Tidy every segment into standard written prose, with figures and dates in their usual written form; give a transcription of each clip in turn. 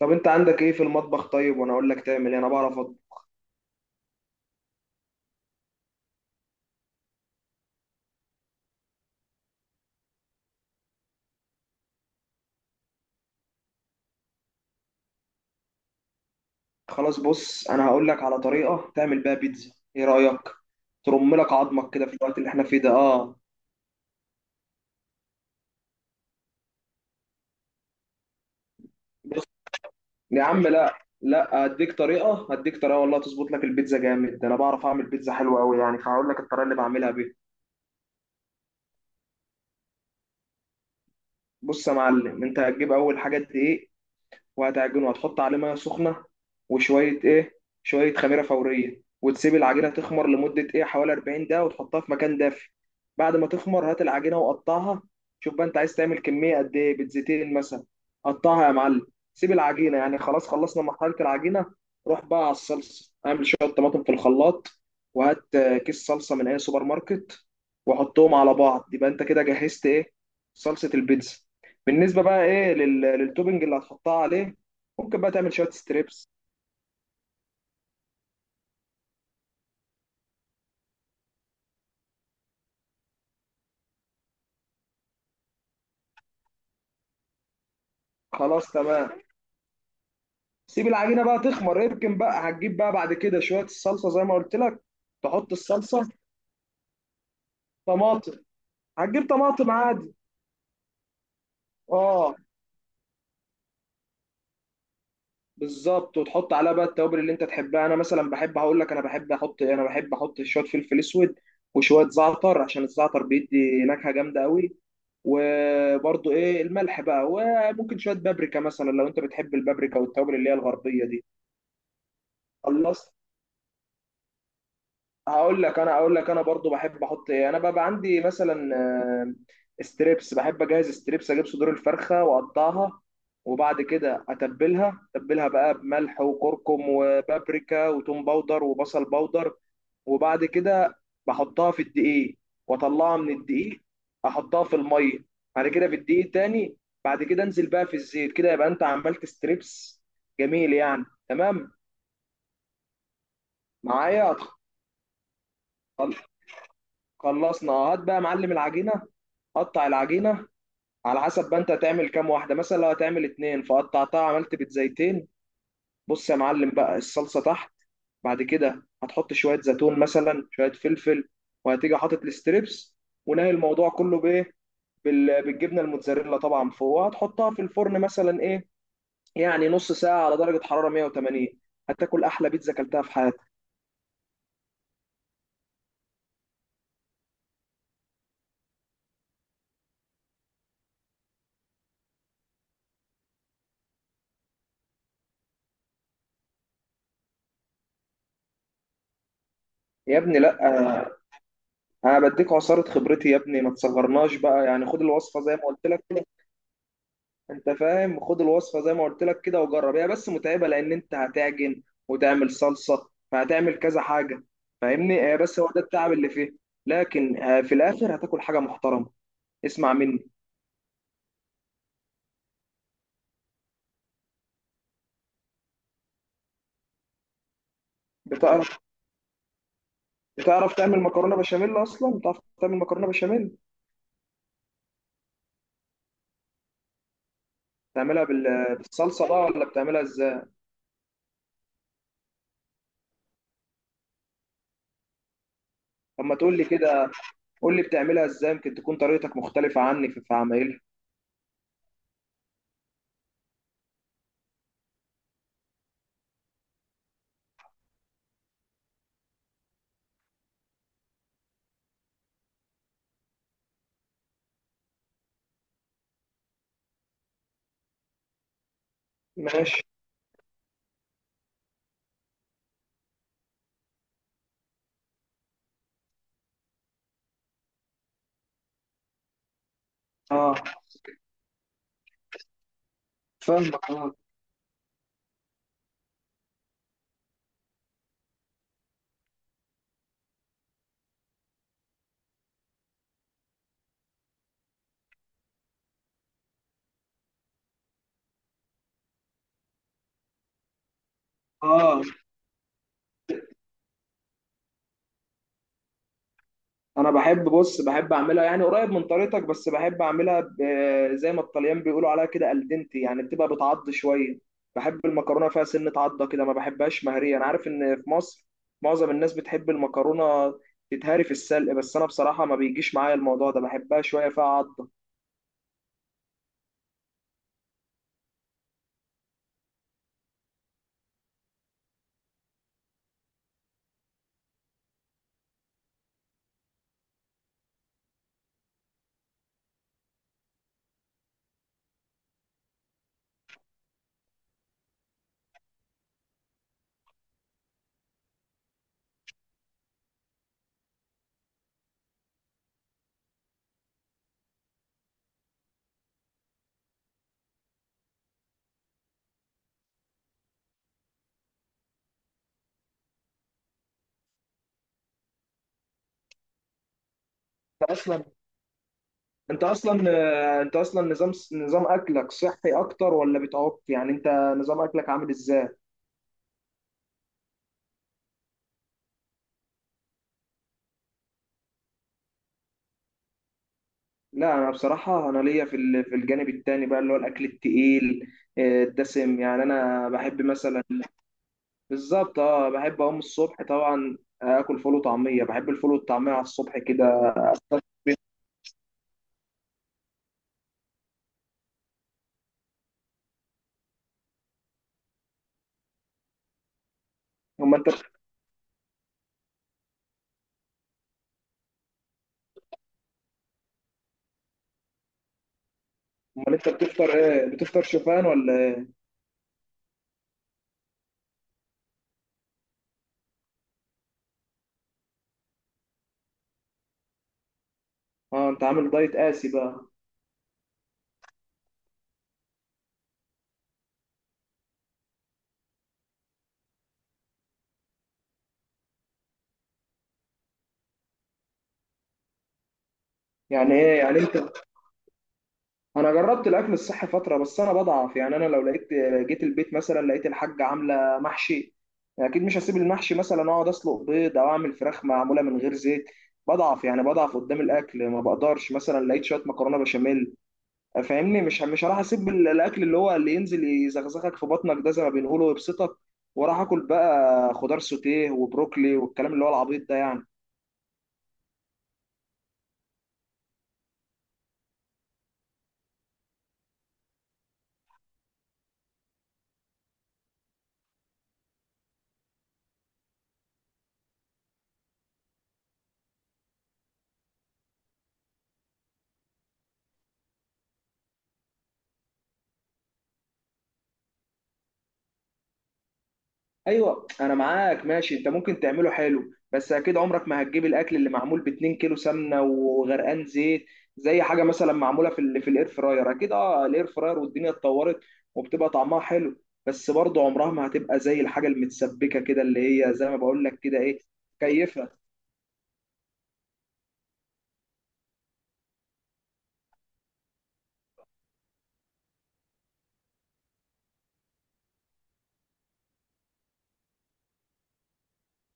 طب انت عندك ايه في المطبخ؟ طيب وانا اقول لك تعمل ايه. انا بعرف خلاص. بص، انا هقول لك على طريقه تعمل بيها بيتزا، ايه رايك؟ ترم لك عظمك كده في الوقت اللي احنا فيه ده. اه، بص يا عم، لا لا، هديك طريقه، هديك طريقه والله تظبط لك البيتزا جامد ده. انا بعرف اعمل بيتزا حلوه قوي يعني، فهقول لك الطريقه اللي بعملها بيها. بص يا معلم، انت هتجيب اول حاجه دقيق، وهتعجنه، وهتحط عليه ميه سخنه وشويه ايه، شويه خميره فوريه، وتسيب العجينه تخمر لمده ايه حوالي 40 دقيقه، وتحطها في مكان دافي. بعد ما تخمر هات العجينه وقطعها. شوف بقى انت عايز تعمل كميه قد ايه، بيتزتين مثلا. قطعها يا معلم، سيب العجينه، يعني خلاص خلصنا مرحله العجينه. روح بقى على الصلصه، اعمل شويه طماطم في الخلاط، وهات كيس صلصه من اي سوبر ماركت، وحطهم على بعض. يبقى انت كده جهزت ايه، صلصه البيتزا. بالنسبه بقى ايه للتوبنج اللي هتحطها عليه، ممكن بقى تعمل شويه ستريبس. خلاص تمام، سيب العجينه بقى تخمر، اركن بقى، هتجيب بقى بعد كده شويه الصلصه زي ما قلت لك. تحط الصلصه طماطم. هتجيب طماطم عادي، اه، بالظبط، وتحط عليها بقى التوابل اللي انت تحبها. انا مثلا بحب، هقول لك انا بحب احط شويه فلفل اسود، وشويه زعتر، عشان الزعتر بيدي نكهه جامده قوي، وبرضو ايه الملح بقى، وممكن شويه بابريكا مثلا لو انت بتحب البابريكا والتوابل اللي هي الغربيه دي. خلصت، هقول لك انا برضو بحب احط ايه. انا بقى عندي مثلا ستريبس، بحب اجهز ستريبس، اجيب صدور الفرخه واقطعها، وبعد كده اتبلها، بقى بملح وكركم وبابريكا وتوم باودر وبصل باودر، وبعد كده بحطها في الدقيق، واطلعها من الدقيق، احطها في الميه، بعد كده في الدقيق تاني، بعد كده انزل بقى في الزيت، كده يبقى انت عملت ستريبس جميل يعني تمام معايا. خلصنا، هات بقى يا معلم العجينه، قطع العجينه على حسب بقى انت هتعمل كام واحده، مثلا لو هتعمل اتنين فقطعتها عملت بيتزايتين. بص يا معلم، بقى الصلصه تحت، بعد كده هتحط شويه زيتون مثلا، شويه فلفل، وهتيجي حاطط الستريبس، ونهي الموضوع كله بايه، بالجبنه الموتزاريلا طبعا فوق، وهتحطها في الفرن مثلا ايه يعني نص ساعه على درجه حراره 180. هتاكل احلى بيتزا اكلتها في حياتك. يا ابني لا، انا بديك عصاره خبرتي يا ابني، ما تصغرناش بقى يعني، خد الوصفه زي ما قلت لك. انت فاهم، خد الوصفه زي ما قلت لك كده وجرب. هي بس متعبه لان انت هتعجن وتعمل صلصه، فهتعمل كذا حاجه، فاهمني. هي بس هو ده التعب اللي فيه، لكن في الاخر هتاكل حاجه محترمه، اسمع مني. بتعرف بتعرف تعمل مكرونه بشاميل اصلا؟ بتعرف تعمل مكرونه بشاميل؟ بتعملها بالصلصه بقى، ولا بتعملها ازاي؟ اما تقول لي كده، قول لي بتعملها ازاي، يمكن تكون طريقتك مختلفه عني في عمايلها. ماشي، اه، فاهمك، اه، اه. انا بحب، بص، بحب اعملها يعني قريب من طريقتك، بس بحب اعملها زي ما الطليان بيقولوا عليها كده الدنتي، يعني بتبقى بتعض شويه. بحب المكرونه فيها سنه عضه كده، ما بحبهاش مهريه. انا عارف ان في مصر معظم الناس بتحب المكرونه تتهري في السلق، بس انا بصراحه ما بيجيش معايا الموضوع ده، بحبها شويه فيها عضه. انت اصلا انت اصلا انت اصلا نظام اكلك صحي اكتر ولا بتعك يعني؟ انت نظام اكلك عامل ازاي؟ لا انا بصراحه انا ليا في الجانب التاني بقى، اللي هو الاكل التقيل، الدسم يعني. انا بحب مثلا، بالظبط، اه، بحب اقوم الصبح طبعا، اكل فول وطعميه، بحب الفول والطعميه على الصبح كده. امال انت امال انت بتفطر ايه؟ بتفطر شوفان ولا إيه؟ اه انت عامل دايت قاسي بقى. يعني ايه يعني انت؟ انا جربت الاكل الصحي فتره، بس انا بضعف يعني. انا لو لقيت، جيت البيت مثلا لقيت الحاجه عامله محشي، اكيد مش هسيب المحشي مثلا اقعد اسلق بيض، او اعمل فراخ معموله من غير زيت. بضعف يعني، بضعف قدام الاكل، ما بقدرش. مثلا لقيت شويه مكرونه بشاميل، فاهمني، مش هروح اسيب الاكل اللي هو اللي ينزل يزغزغك في بطنك ده، زي ما بنقوله، ويبسطك، وراح اكل بقى خضار سوتيه وبروكلي والكلام اللي هو العبيط ده يعني. ايوه، انا معاك ماشي، انت ممكن تعمله حلو، بس اكيد عمرك ما هتجيب الاكل اللي معمول ب 2 كيلو سمنه وغرقان زيت زي حاجه مثلا معموله في الاير فراير. اكيد، اه، الاير فراير والدنيا اتطورت وبتبقى طعمها حلو، بس برضه عمرها ما هتبقى زي الحاجه المتسبكه كده، اللي هي زي ما بقول لك كده ايه، كيفها.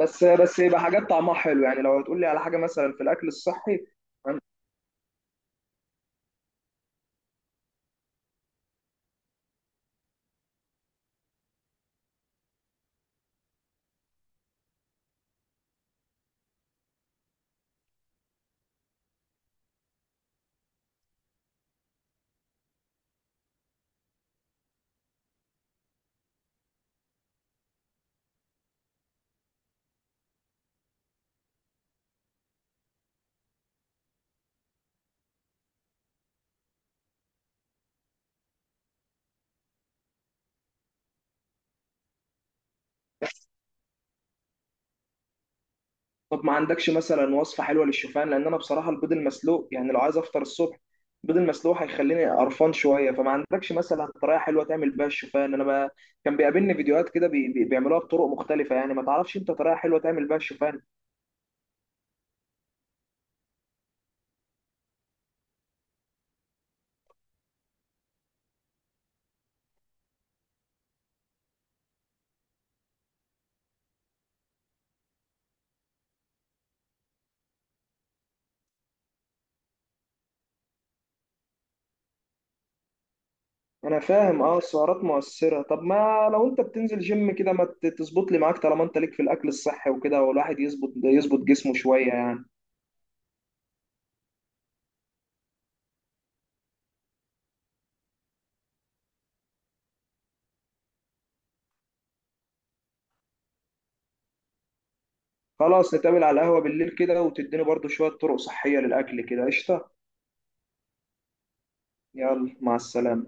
بس بس، يبقى حاجات طعمها حلو يعني؟ لو هتقول لي على حاجه مثلا في الاكل الصحي، طب ما عندكش مثلا وصفة حلوة للشوفان؟ لأن أنا بصراحة البيض المسلوق، يعني لو عايز أفطر الصبح، البيض المسلوق هيخليني قرفان شوية. فما عندكش مثلا طريقة حلوة تعمل بيها الشوفان؟ أنا ما كان بيقابلني فيديوهات كده بيعملوها بطرق مختلفة. يعني ما تعرفش أنت طريقة حلوة تعمل بيها الشوفان؟ أنا فاهم أه، السعرات مؤثرة. طب ما لو أنت بتنزل جيم كده، ما تظبط لي معاك، طالما أنت ليك في الأكل الصحي وكده، والواحد يظبط جسمه شوية يعني. خلاص، نتقابل على القهوة بالليل كده، وتديني برضو شوية طرق صحية للأكل كده، قشطة. يلا مع السلامة.